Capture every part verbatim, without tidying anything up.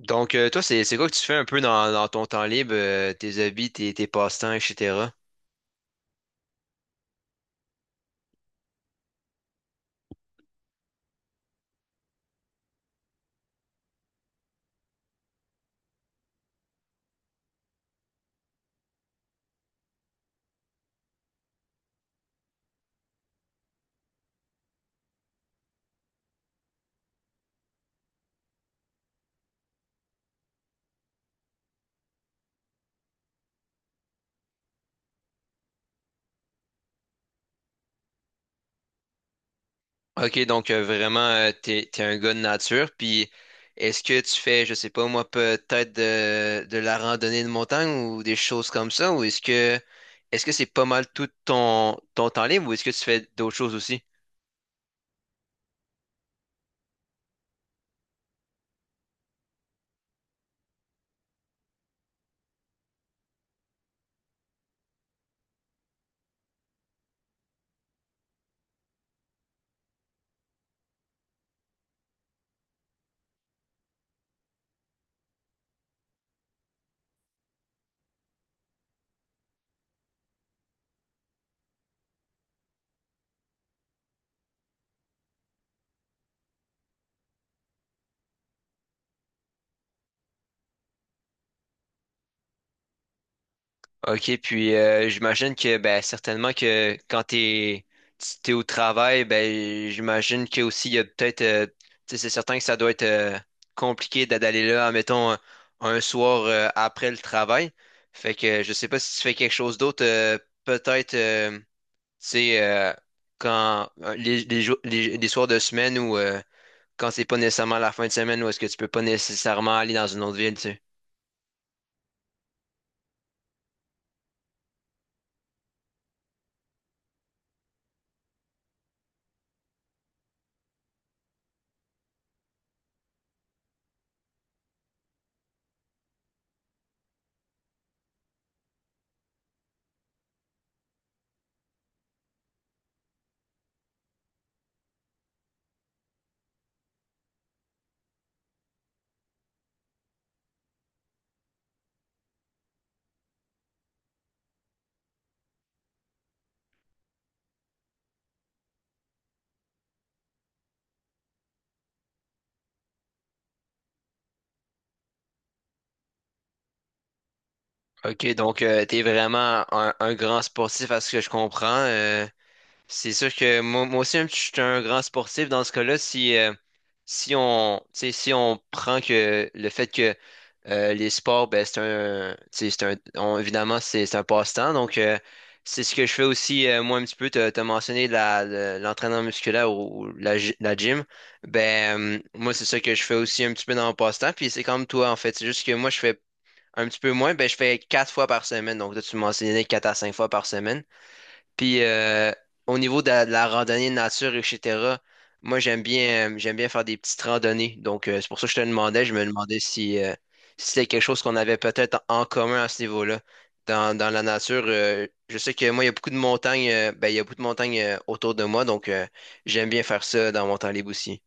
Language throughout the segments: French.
Donc, euh, toi, c'est c'est quoi que tu fais un peu dans, dans ton temps libre, euh, tes hobbies, tes, tes passe-temps, et cetera. Ok, donc, euh, vraiment, euh, t'es, t'es un gars de nature. Puis, est-ce que tu fais, je sais pas moi, peut-être de, de la randonnée de montagne ou des choses comme ça, ou est-ce que est-ce que c'est pas mal tout ton, ton temps libre, ou est-ce que tu fais d'autres choses aussi? OK, puis, euh, j'imagine que ben certainement que quand t'es t'es au travail, ben j'imagine que aussi il y a peut-être, euh, tu sais, c'est certain que ça doit être, euh, compliqué d'a- d'aller là, admettons, un, un soir, euh, après le travail. Fait que je sais pas si tu fais quelque chose d'autre, euh, peut-être, euh, tu sais, euh, quand, euh, les, les, jours- les, les soirs de semaine ou, euh, quand c'est pas nécessairement la fin de semaine ou est-ce que tu peux pas nécessairement aller dans une autre ville, tu sais. OK, donc, euh, t'es vraiment un, un grand sportif à ce que je comprends. Euh, c'est sûr que moi, moi aussi, un petit- je suis un grand sportif dans ce cas-là. Si, euh, si on, tu sais, si on prend que le fait que, euh, les sports, ben, c'est un, tu sais, c'est un, on- évidemment, c'est c'est un passe-temps. Donc, euh, c'est ce que je fais aussi, euh, moi, un petit peu. T'as, t'as mentionné la, le- l'entraînement musculaire ou, ou la, gy- la gym. Ben, euh, moi, c'est ça que je fais aussi un petit peu dans mon passe-temps. Puis c'est comme toi, en fait. C'est juste que moi, je fais un petit peu moins, ben, je fais quatre fois par semaine. Donc, là, tu mentionnais quatre à cinq fois par semaine. Puis, euh, au niveau de la, de la randonnée de nature, et cetera, moi, j'aime bien, euh, j'aime bien faire des petites randonnées. Donc, euh, c'est pour ça que je te demandais, je me demandais si, euh, si c'était quelque chose qu'on avait peut-être en en commun à ce niveau-là. Dans, dans la nature, euh, je sais que moi, il y a beaucoup de montagnes, euh, ben, il y a beaucoup de montagnes, euh, autour de moi. Donc, euh, j'aime bien faire ça dans mon temps libre aussi.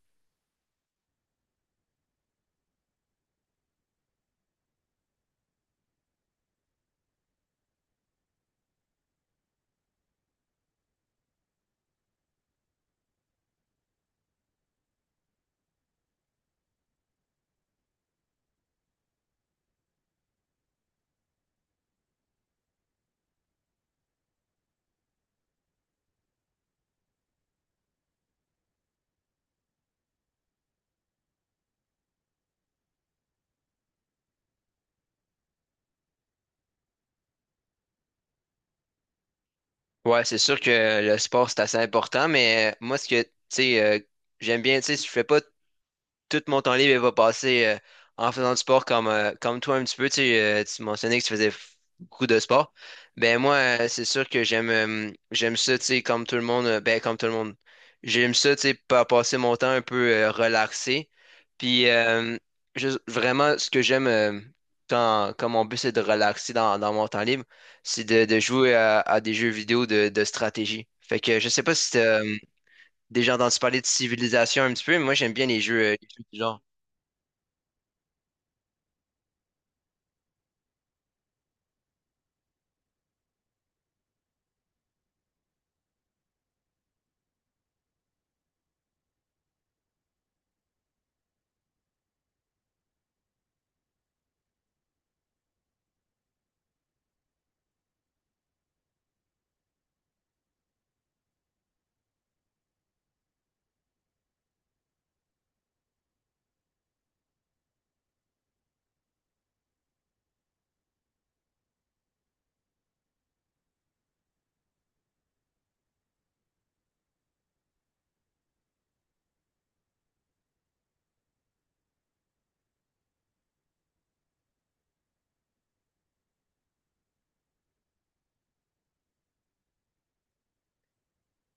Ouais, c'est sûr que le sport, c'est assez important, mais, euh, moi, ce que, tu sais, euh, j'aime bien, tu sais, je fais pas tout mon temps libre il va passer, euh, en faisant du sport comme, euh, comme toi un petit peu. Tu, sais, euh, tu mentionnais que tu faisais f- beaucoup de sport. Ben moi, euh, c'est sûr que j'aime euh, j'aime ça, tu sais, comme tout le monde. Euh, ben, comme tout le monde. J'aime ça, tu sais, pa- passer mon temps un peu, euh, relaxé. Puis, euh, juste vraiment, ce que j'aime, euh, quand, quand mon but, c'est de relaxer dans, dans mon temps libre, c'est de, de jouer à, à des jeux vidéo de, de stratégie. Fait que je sais pas si t'as, euh, déjà entendu parler de civilisation un petit peu, mais moi j'aime bien les jeux, euh, les jeux du genre.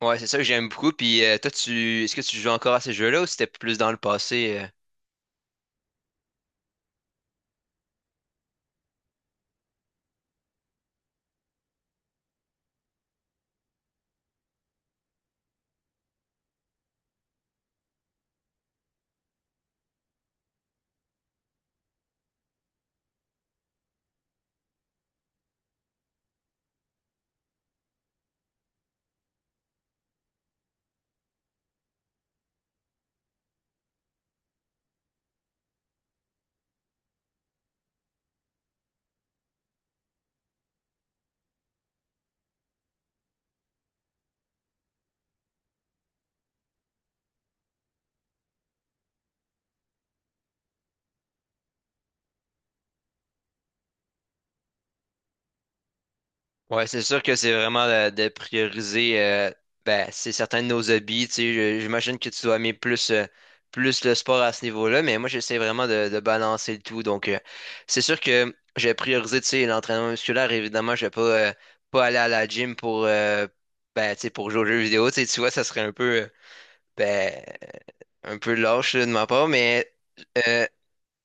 Ouais, c'est ça que j'aime beaucoup. Puis, euh, toi, tu est-ce que tu joues encore à ces jeux-là ou c'était plus dans le passé? euh? Ouais, c'est sûr que c'est vraiment, euh, de, prioriser, euh, ben, c'est certains de nos hobbies. Tu sais, je- j'imagine que tu dois aimer plus, euh, plus le sport à ce niveau-là, mais moi j'essaie vraiment de, de balancer le tout. Donc, euh, c'est sûr que j'ai priorisé, tu sais, l'entraînement musculaire, évidemment, je vais pas, euh, pas aller à la gym pour, euh, ben, tu sais, pour jouer aux jeux vidéo. Tu sais, tu vois, ça serait un peu, euh, ben, un peu lâche là, de ma part, mais. euh,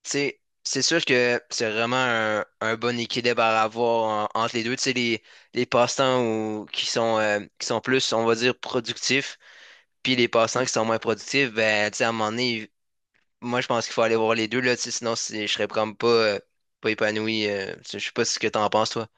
Tu sais, c'est sûr que c'est vraiment un, un bon équilibre à avoir en- entre les deux. Tu sais, les, les passe-temps ou- qui sont, euh, qui sont plus, on va dire, productifs, puis les passe-temps qui sont moins productifs, ben, tu sais, à un moment donné, moi, je pense qu'il faut aller voir les deux, là, tu sais, sinon, c'est- je serais comme pas, euh, pas épanoui. Euh, tu sais, je sais pas ce que t'en penses, toi.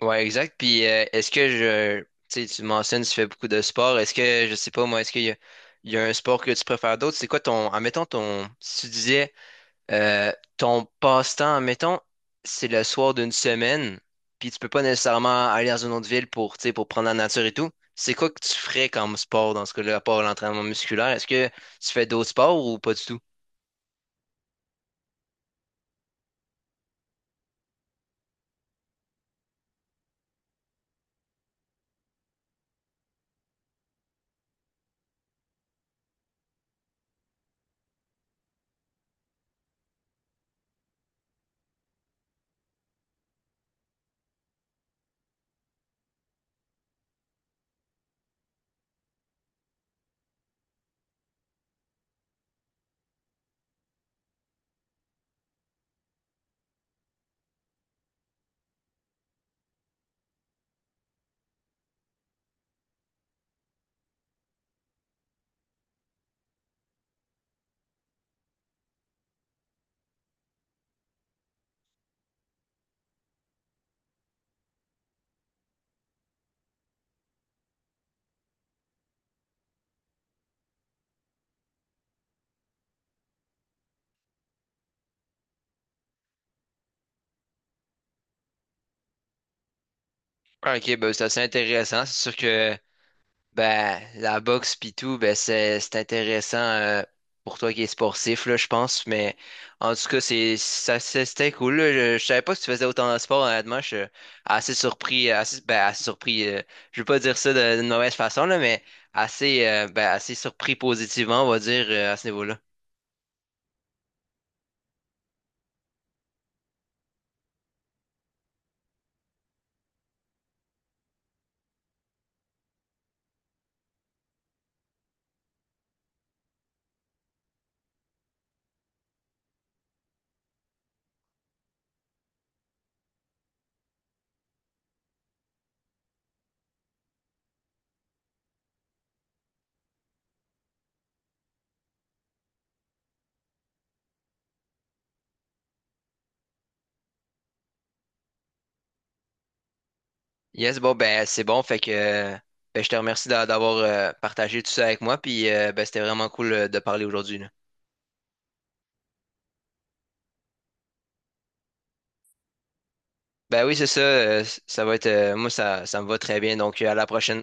Ouais, exact. Puis, euh, est-ce que je, tu sais, tu mentionnes, tu fais beaucoup de sport. Est-ce que, je sais pas, moi, est-ce qu'il y a, il y a un sport que tu préfères d'autres? C'est quoi ton, admettons, ton, si tu disais, Euh, ton passe-temps, mettons, c'est le soir d'une semaine, puis tu peux pas nécessairement aller dans une autre ville pour, tu sais, pour prendre la nature et tout. C'est quoi que tu ferais comme sport dans ce cas-là, à part l'entraînement musculaire? Est-ce que tu fais d'autres sports ou pas du tout? Ah, ok, ben, c'est assez intéressant. C'est sûr que ben, la boxe pis tout, ben c'est c'est intéressant, euh, pour toi qui es sportif, là, je pense. Mais en tout cas, c'est ça c'est- c'était cool, là. Je, je savais pas que tu faisais autant de sport, honnêtement. Je suis assez surpris, assez ben assez surpris. Euh, je veux pas dire ça de- d'une mauvaise façon, là, mais assez euh, ben assez surpris positivement, on va dire, euh, à ce niveau-là. Yes, bon ben c'est bon, fait que, euh, ben, je te remercie d'a- d'avoir, euh, partagé tout ça avec moi, puis, euh, ben c'était vraiment cool, euh, de parler aujourd'hui, là. Ben oui, c'est ça. Euh, ça va être. Euh, moi, ça, ça me va très bien. Donc, euh, à la prochaine.